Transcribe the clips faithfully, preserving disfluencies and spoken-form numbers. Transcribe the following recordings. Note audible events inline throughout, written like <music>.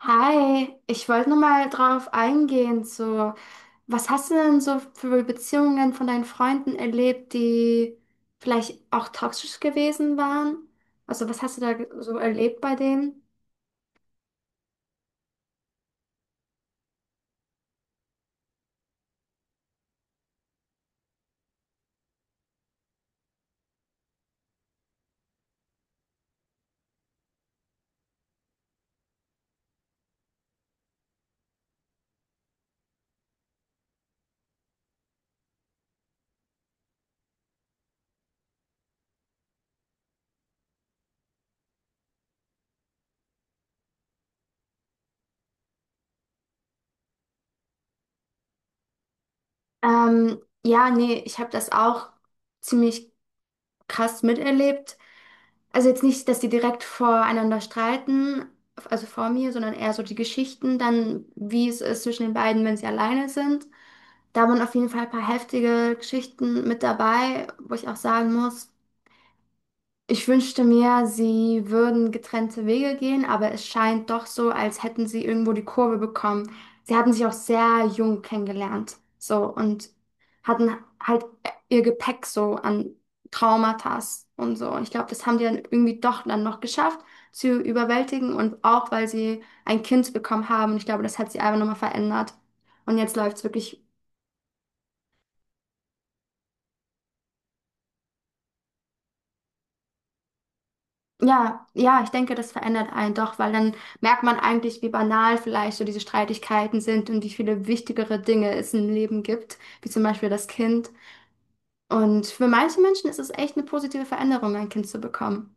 Hi, ich wollte nur mal drauf eingehen, so, was hast du denn so für Beziehungen von deinen Freunden erlebt, die vielleicht auch toxisch gewesen waren? Also, was hast du da ge- so erlebt bei denen? Ähm, ja, nee, ich habe das auch ziemlich krass miterlebt. Also jetzt nicht, dass die direkt voreinander streiten, also vor mir, sondern eher so die Geschichten, dann wie es ist zwischen den beiden, wenn sie alleine sind. Da waren auf jeden Fall ein paar heftige Geschichten mit dabei, wo ich auch sagen muss, ich wünschte mir, sie würden getrennte Wege gehen, aber es scheint doch so, als hätten sie irgendwo die Kurve bekommen. Sie hatten sich auch sehr jung kennengelernt, so und hatten halt ihr Gepäck so an Traumata und so. Und ich glaube, das haben die dann irgendwie doch dann noch geschafft zu überwältigen und auch, weil sie ein Kind bekommen haben. Und ich glaube, das hat sie einfach nochmal verändert. Und jetzt läuft es wirklich. Ja, ja, ich denke, das verändert einen doch, weil dann merkt man eigentlich, wie banal vielleicht so diese Streitigkeiten sind und wie viele wichtigere Dinge es im Leben gibt, wie zum Beispiel das Kind. Und für manche Menschen ist es echt eine positive Veränderung, ein Kind zu bekommen.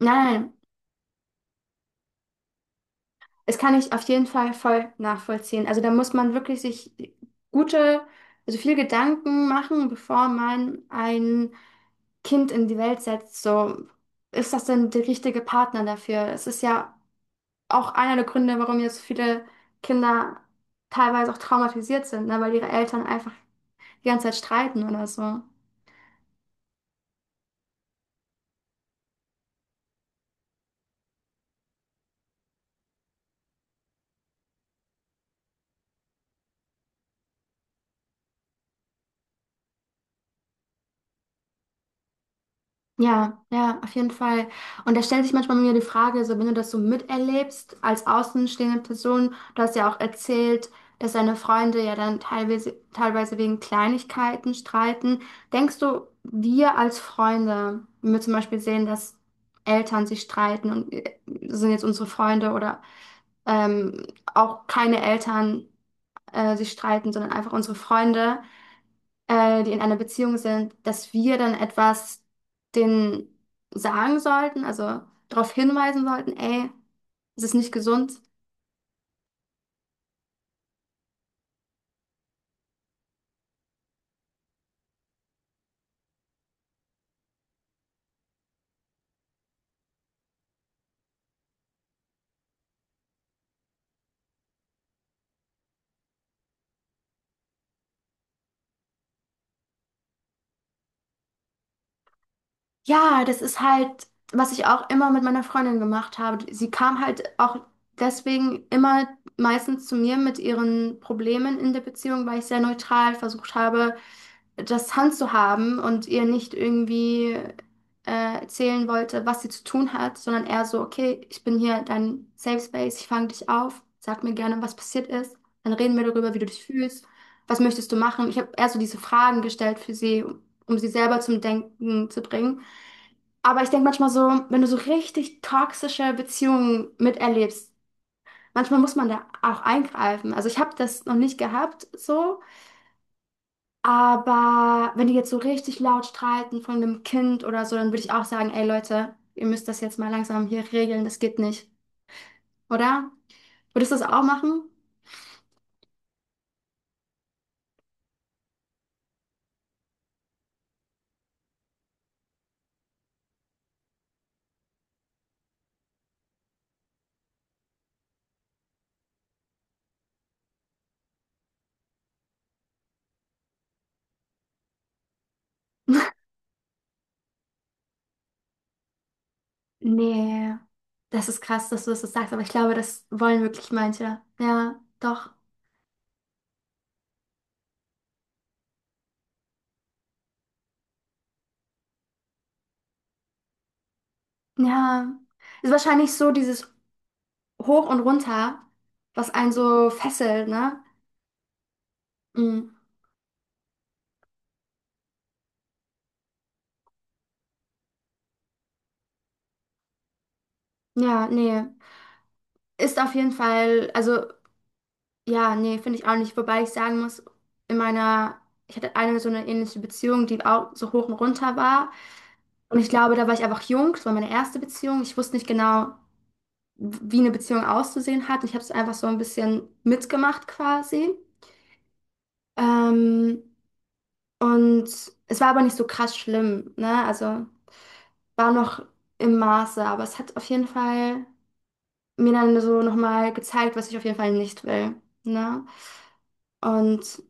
Nein, nein, es kann ich auf jeden Fall voll nachvollziehen. Also da muss man wirklich sich gute, also viel Gedanken machen, bevor man ein Kind in die Welt setzt. So, ist das denn der richtige Partner dafür? Es ist ja auch einer der Gründe, warum jetzt viele Kinder teilweise auch traumatisiert sind, ne? Weil ihre Eltern einfach die ganze Zeit streiten oder so. Ja, ja, auf jeden Fall. Und da stellt sich manchmal mir die Frage, so wenn du das so miterlebst als außenstehende Person, du hast ja auch erzählt, dass deine Freunde ja dann teilweise, teilweise wegen Kleinigkeiten streiten. Denkst du, wir als Freunde, wenn wir zum Beispiel sehen, dass Eltern sich streiten und äh, sind jetzt unsere Freunde oder ähm, auch keine Eltern äh, sich streiten, sondern einfach unsere Freunde, äh, die in einer Beziehung sind, dass wir dann etwas denen sagen sollten, also darauf hinweisen sollten, ey, es ist nicht gesund. Ja, das ist halt, was ich auch immer mit meiner Freundin gemacht habe. Sie kam halt auch deswegen immer meistens zu mir mit ihren Problemen in der Beziehung, weil ich sehr neutral versucht habe, das handzuhaben und ihr nicht irgendwie äh, erzählen wollte, was sie zu tun hat, sondern eher so, okay, ich bin hier dein Safe Space, ich fange dich auf, sag mir gerne, was passiert ist, dann reden wir darüber, wie du dich fühlst, was möchtest du machen. Ich habe eher so diese Fragen gestellt für sie, um um sie selber zum Denken zu bringen. Aber ich denke manchmal so, wenn du so richtig toxische Beziehungen miterlebst, manchmal muss man da auch eingreifen. Also ich habe das noch nicht gehabt, so, aber wenn die jetzt so richtig laut streiten von einem Kind oder so, dann würde ich auch sagen, ey Leute, ihr müsst das jetzt mal langsam hier regeln, das geht nicht, oder? Würdest du das auch machen? <laughs> Nee, das ist krass, dass du das jetzt sagst, aber ich glaube, das wollen wirklich manche. Ja, doch. Ja, ist wahrscheinlich so dieses Hoch und Runter, was einen so fesselt, ne? Mm. Ja, nee. Ist auf jeden Fall, also. Ja, nee, finde ich auch nicht. Wobei ich sagen muss, in meiner, ich hatte eine so eine ähnliche Beziehung, die auch so hoch und runter war. Und ich glaube, da war ich einfach jung. Das war meine erste Beziehung. Ich wusste nicht genau, wie eine Beziehung auszusehen hat. Ich habe es einfach so ein bisschen mitgemacht quasi. Ähm, und es war aber nicht so krass schlimm, ne? Also war noch im Maße, aber es hat auf jeden Fall mir dann so nochmal gezeigt, was ich auf jeden Fall nicht will, ne? Und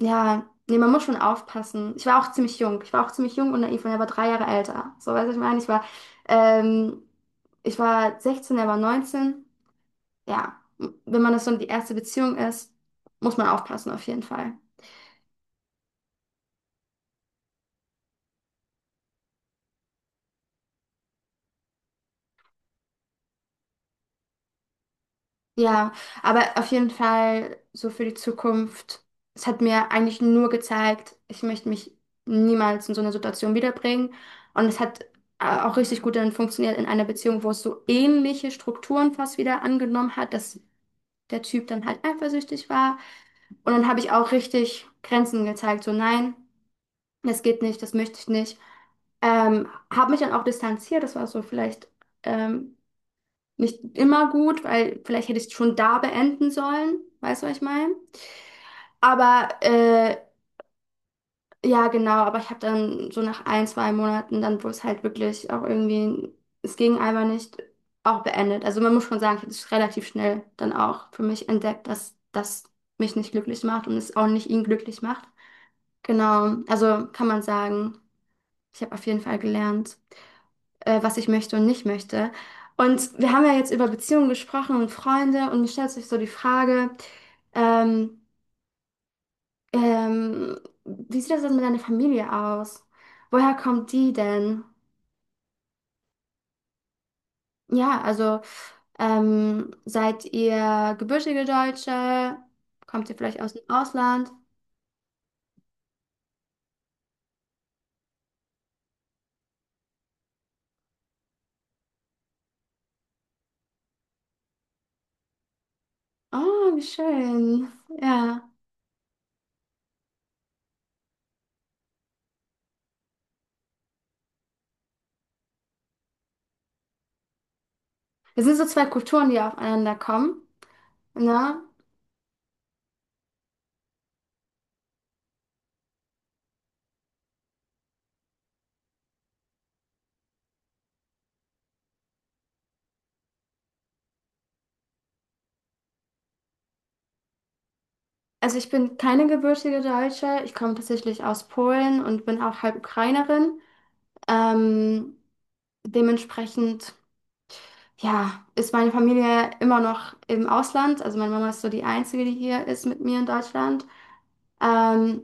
ja, nee, man muss schon aufpassen. Ich war auch ziemlich jung. Ich war auch ziemlich jung und naiv und er war drei Jahre älter. So, weißt du, was ich meine? Ich war, ähm, ich war sechzehn, er war neunzehn. Ja, wenn man das so die erste Beziehung ist, muss man aufpassen, auf jeden Fall. Ja, aber auf jeden Fall so für die Zukunft. Es hat mir eigentlich nur gezeigt, ich möchte mich niemals in so eine Situation wiederbringen. Und es hat äh, auch richtig gut dann funktioniert in einer Beziehung, wo es so ähnliche Strukturen fast wieder angenommen hat, dass der Typ dann halt eifersüchtig war. Und dann habe ich auch richtig Grenzen gezeigt, so nein, das geht nicht, das möchte ich nicht. Ähm, habe mich dann auch distanziert, das war so vielleicht ähm, nicht immer gut, weil vielleicht hätte ich es schon da beenden sollen, weißt du, was ich meine? Aber äh, ja, genau, aber ich habe dann so nach ein, zwei Monaten, dann wo es halt wirklich auch irgendwie, es ging einfach nicht, auch beendet. Also man muss schon sagen, ich habe es relativ schnell dann auch für mich entdeckt, dass das mich nicht glücklich macht und es auch nicht ihn glücklich macht. Genau, also kann man sagen, ich habe auf jeden Fall gelernt, äh, was ich möchte und nicht möchte. Und wir haben ja jetzt über Beziehungen gesprochen und Freunde und mir stellt sich so die Frage, ähm, ähm, wie sieht das denn mit deiner Familie aus? Woher kommt die denn? Ja, also ähm, seid ihr gebürtige Deutsche? Kommt ihr vielleicht aus dem Ausland? Oh, wie schön. Ja. Das sind so zwei Kulturen, die aufeinander kommen. Ne? Also ich bin keine gebürtige Deutsche. Ich komme tatsächlich aus Polen und bin auch halb Ukrainerin. Ähm, dementsprechend ja, ist meine Familie immer noch im Ausland. Also meine Mama ist so die Einzige, die hier ist mit mir in Deutschland. Ähm,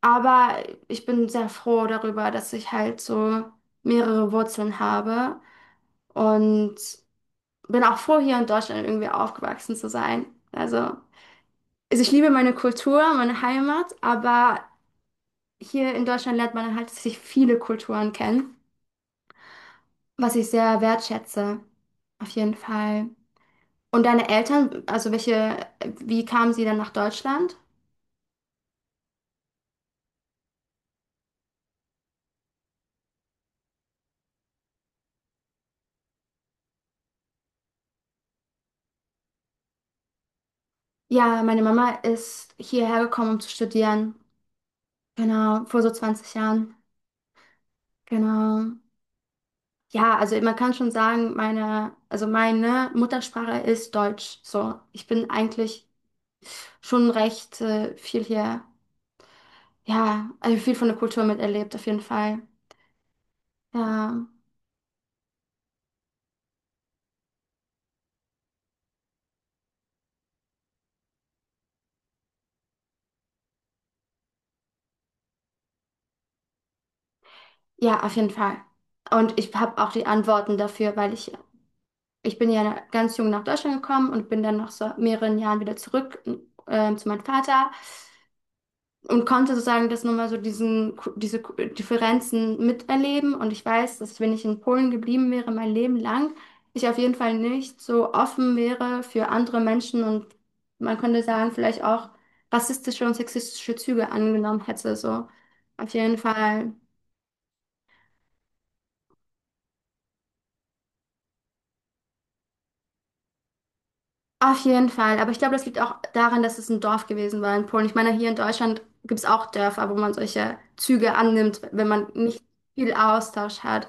aber ich bin sehr froh darüber, dass ich halt so mehrere Wurzeln habe und bin auch froh, hier in Deutschland irgendwie aufgewachsen zu sein. Also, also ich liebe meine Kultur, meine Heimat, aber hier in Deutschland lernt man halt sich viele Kulturen kennen, was ich sehr wertschätze. Auf jeden Fall. Und deine Eltern, also welche, wie kamen sie dann nach Deutschland? Ja, meine Mama ist hierher gekommen, um zu studieren. Genau, vor so zwanzig Jahren. Genau. Ja, also man kann schon sagen, meine, also meine Muttersprache ist Deutsch. So, ich bin eigentlich schon recht äh, viel hier, ja, also viel von der Kultur miterlebt, auf jeden Fall. Ja, ja, auf jeden Fall. Und ich habe auch die Antworten dafür, weil ich ich bin ja ganz jung nach Deutschland gekommen und bin dann nach so mehreren Jahren wieder zurück ähm, zu meinem Vater und konnte sozusagen das nochmal so diesen, diese Differenzen miterleben. Und ich weiß, dass wenn ich in Polen geblieben wäre, mein Leben lang, ich auf jeden Fall nicht so offen wäre für andere Menschen und man könnte sagen, vielleicht auch rassistische und sexistische Züge angenommen hätte. So auf jeden Fall. Auf jeden Fall. Aber ich glaube, das liegt auch daran, dass es ein Dorf gewesen war in Polen. Ich meine, hier in Deutschland gibt es auch Dörfer, wo man solche Züge annimmt, wenn man nicht viel Austausch hat.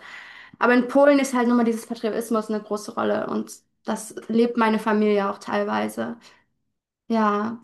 Aber in Polen ist halt nochmal dieses Patriotismus eine große Rolle und das lebt meine Familie auch teilweise. Ja.